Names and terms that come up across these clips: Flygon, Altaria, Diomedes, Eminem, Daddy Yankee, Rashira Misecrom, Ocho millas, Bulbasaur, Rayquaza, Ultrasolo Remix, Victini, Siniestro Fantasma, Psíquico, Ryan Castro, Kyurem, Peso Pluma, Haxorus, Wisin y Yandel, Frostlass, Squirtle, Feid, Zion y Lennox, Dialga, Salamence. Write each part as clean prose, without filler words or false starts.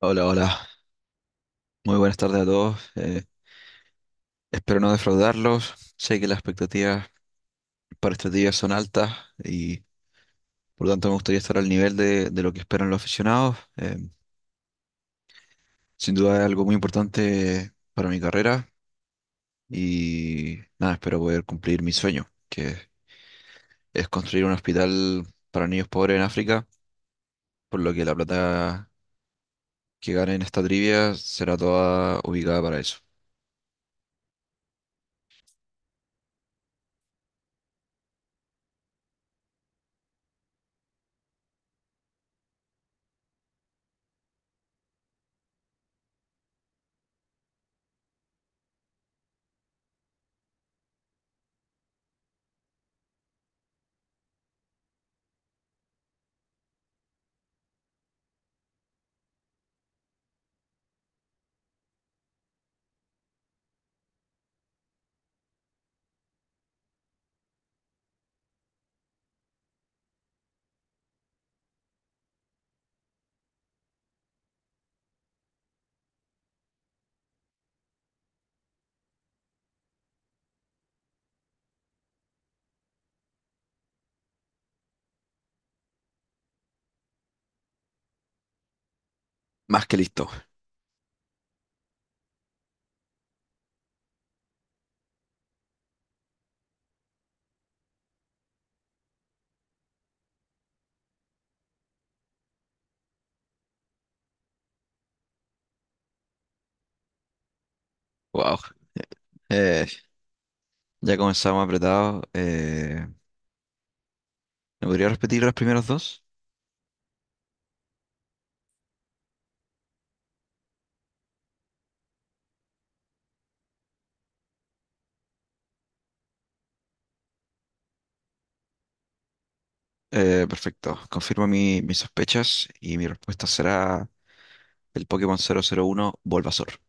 Hola, hola. Muy buenas tardes a todos. Espero no defraudarlos. Sé que las expectativas para este día son altas y por lo tanto me gustaría estar al nivel de lo que esperan los aficionados. Sin duda es algo muy importante para mi carrera y nada, espero poder cumplir mi sueño, que es construir un hospital para niños pobres en África, por lo que la plata que gane en esta trivia será toda ubicada para eso. Más que listo. Wow. Eh, ya comenzamos apretados. ¿Me podría repetir las primeras dos? Perfecto. Confirmo mis sospechas y mi respuesta será el Pokémon 001 Bulbasaur.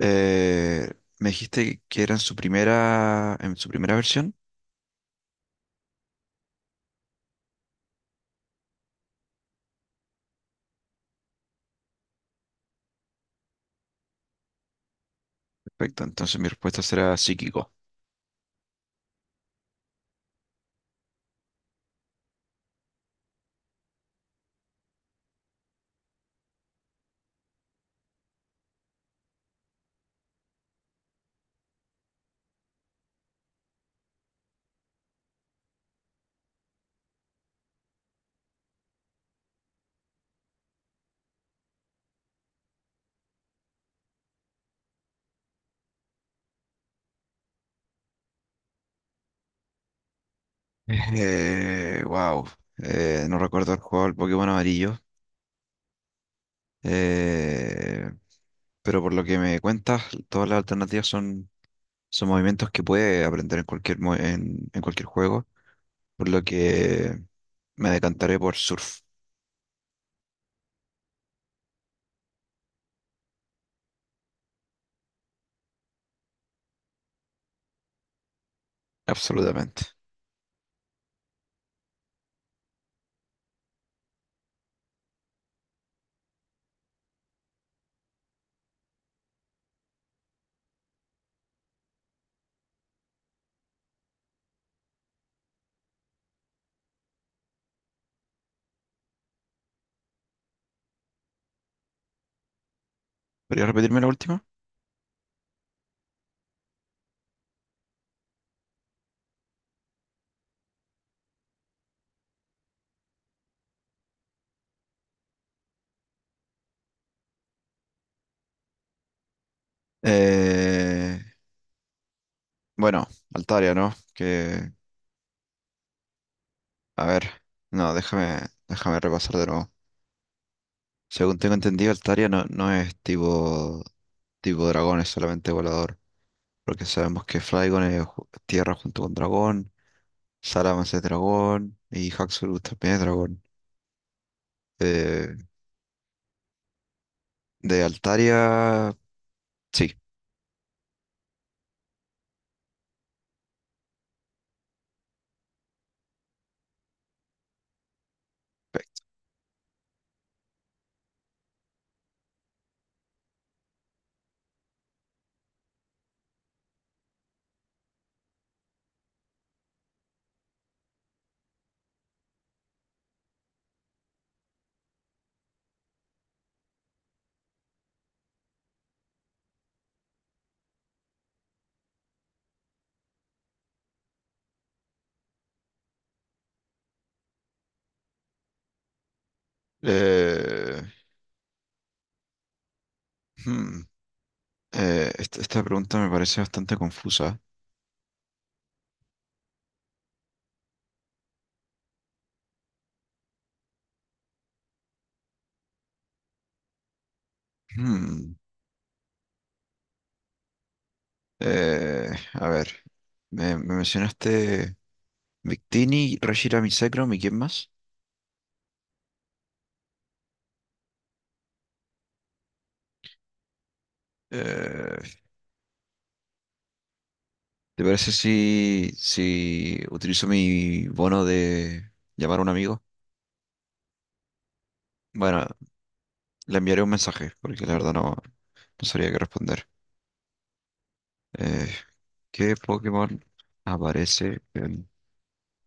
Eh, me dijiste que era en su primera versión. Perfecto, entonces mi respuesta será psíquico. Wow. No recuerdo el juego del Pokémon amarillo. Eh, pero por lo que me cuentas, todas las alternativas son movimientos que puede aprender en cualquier, en cualquier juego, por lo que me decantaré por surf, absolutamente. ¿Podría repetirme la última? Eh, bueno, Altaria, ¿no? Que, a ver, no, déjame repasar de nuevo. Según tengo entendido, Altaria no es tipo dragón, es solamente volador. Porque sabemos que Flygon es tierra junto con dragón, Salamence es dragón y Haxorus también es dragón. Eh, de Altaria, sí. Eh, hmm, Esta, esta pregunta me parece bastante confusa. Hmm, a ver, me mencionaste Victini, Rashira Misecrom y quién más. Eh, ¿Te parece si utilizo mi bono de llamar a un amigo? Bueno, le enviaré un mensaje porque la verdad no sabría qué responder. Eh, ¿Qué Pokémon aparece en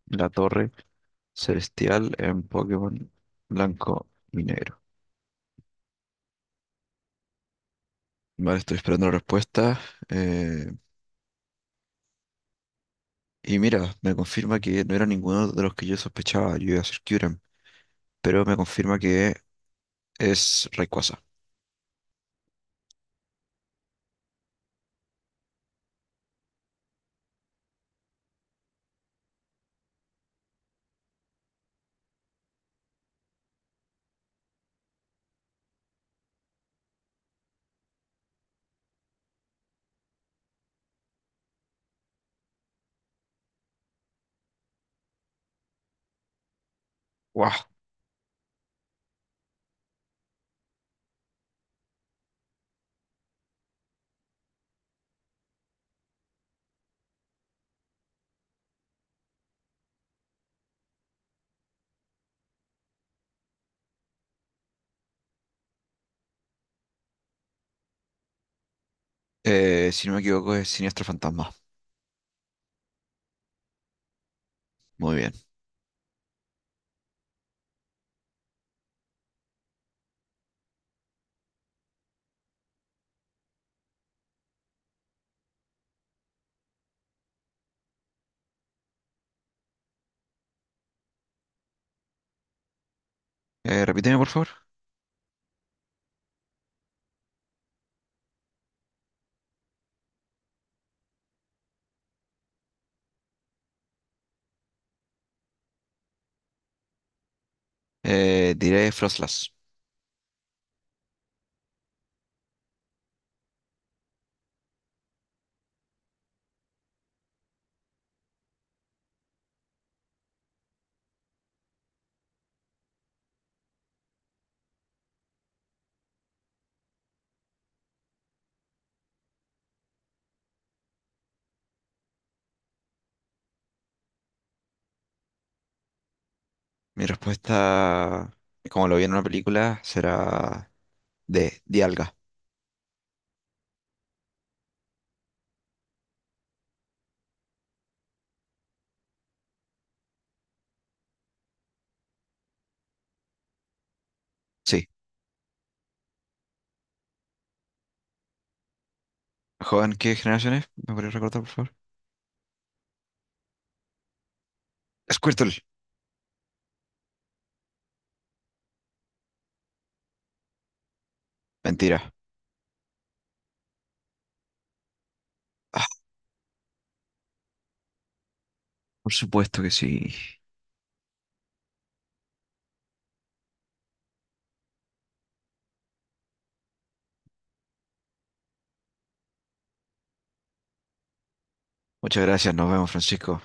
la torre celestial en Pokémon blanco y negro? Vale, estoy esperando la respuesta. eh, y mira, me confirma que no era ninguno de los que yo sospechaba. Yo iba a decir Kyurem, pero me confirma que es Rayquaza. ¡Wow! Si no me equivoco, es siniestro fantasma. Muy bien. Repíteme, por favor. Diré Frostlass. Mi respuesta, como lo vi en una película, será de Dialga. Sí. ¿Joven, qué generación es? ¿Me podría recordar, por favor? Squirtle. Mentira. Ah, por supuesto que sí. Muchas gracias, nos vemos, Francisco.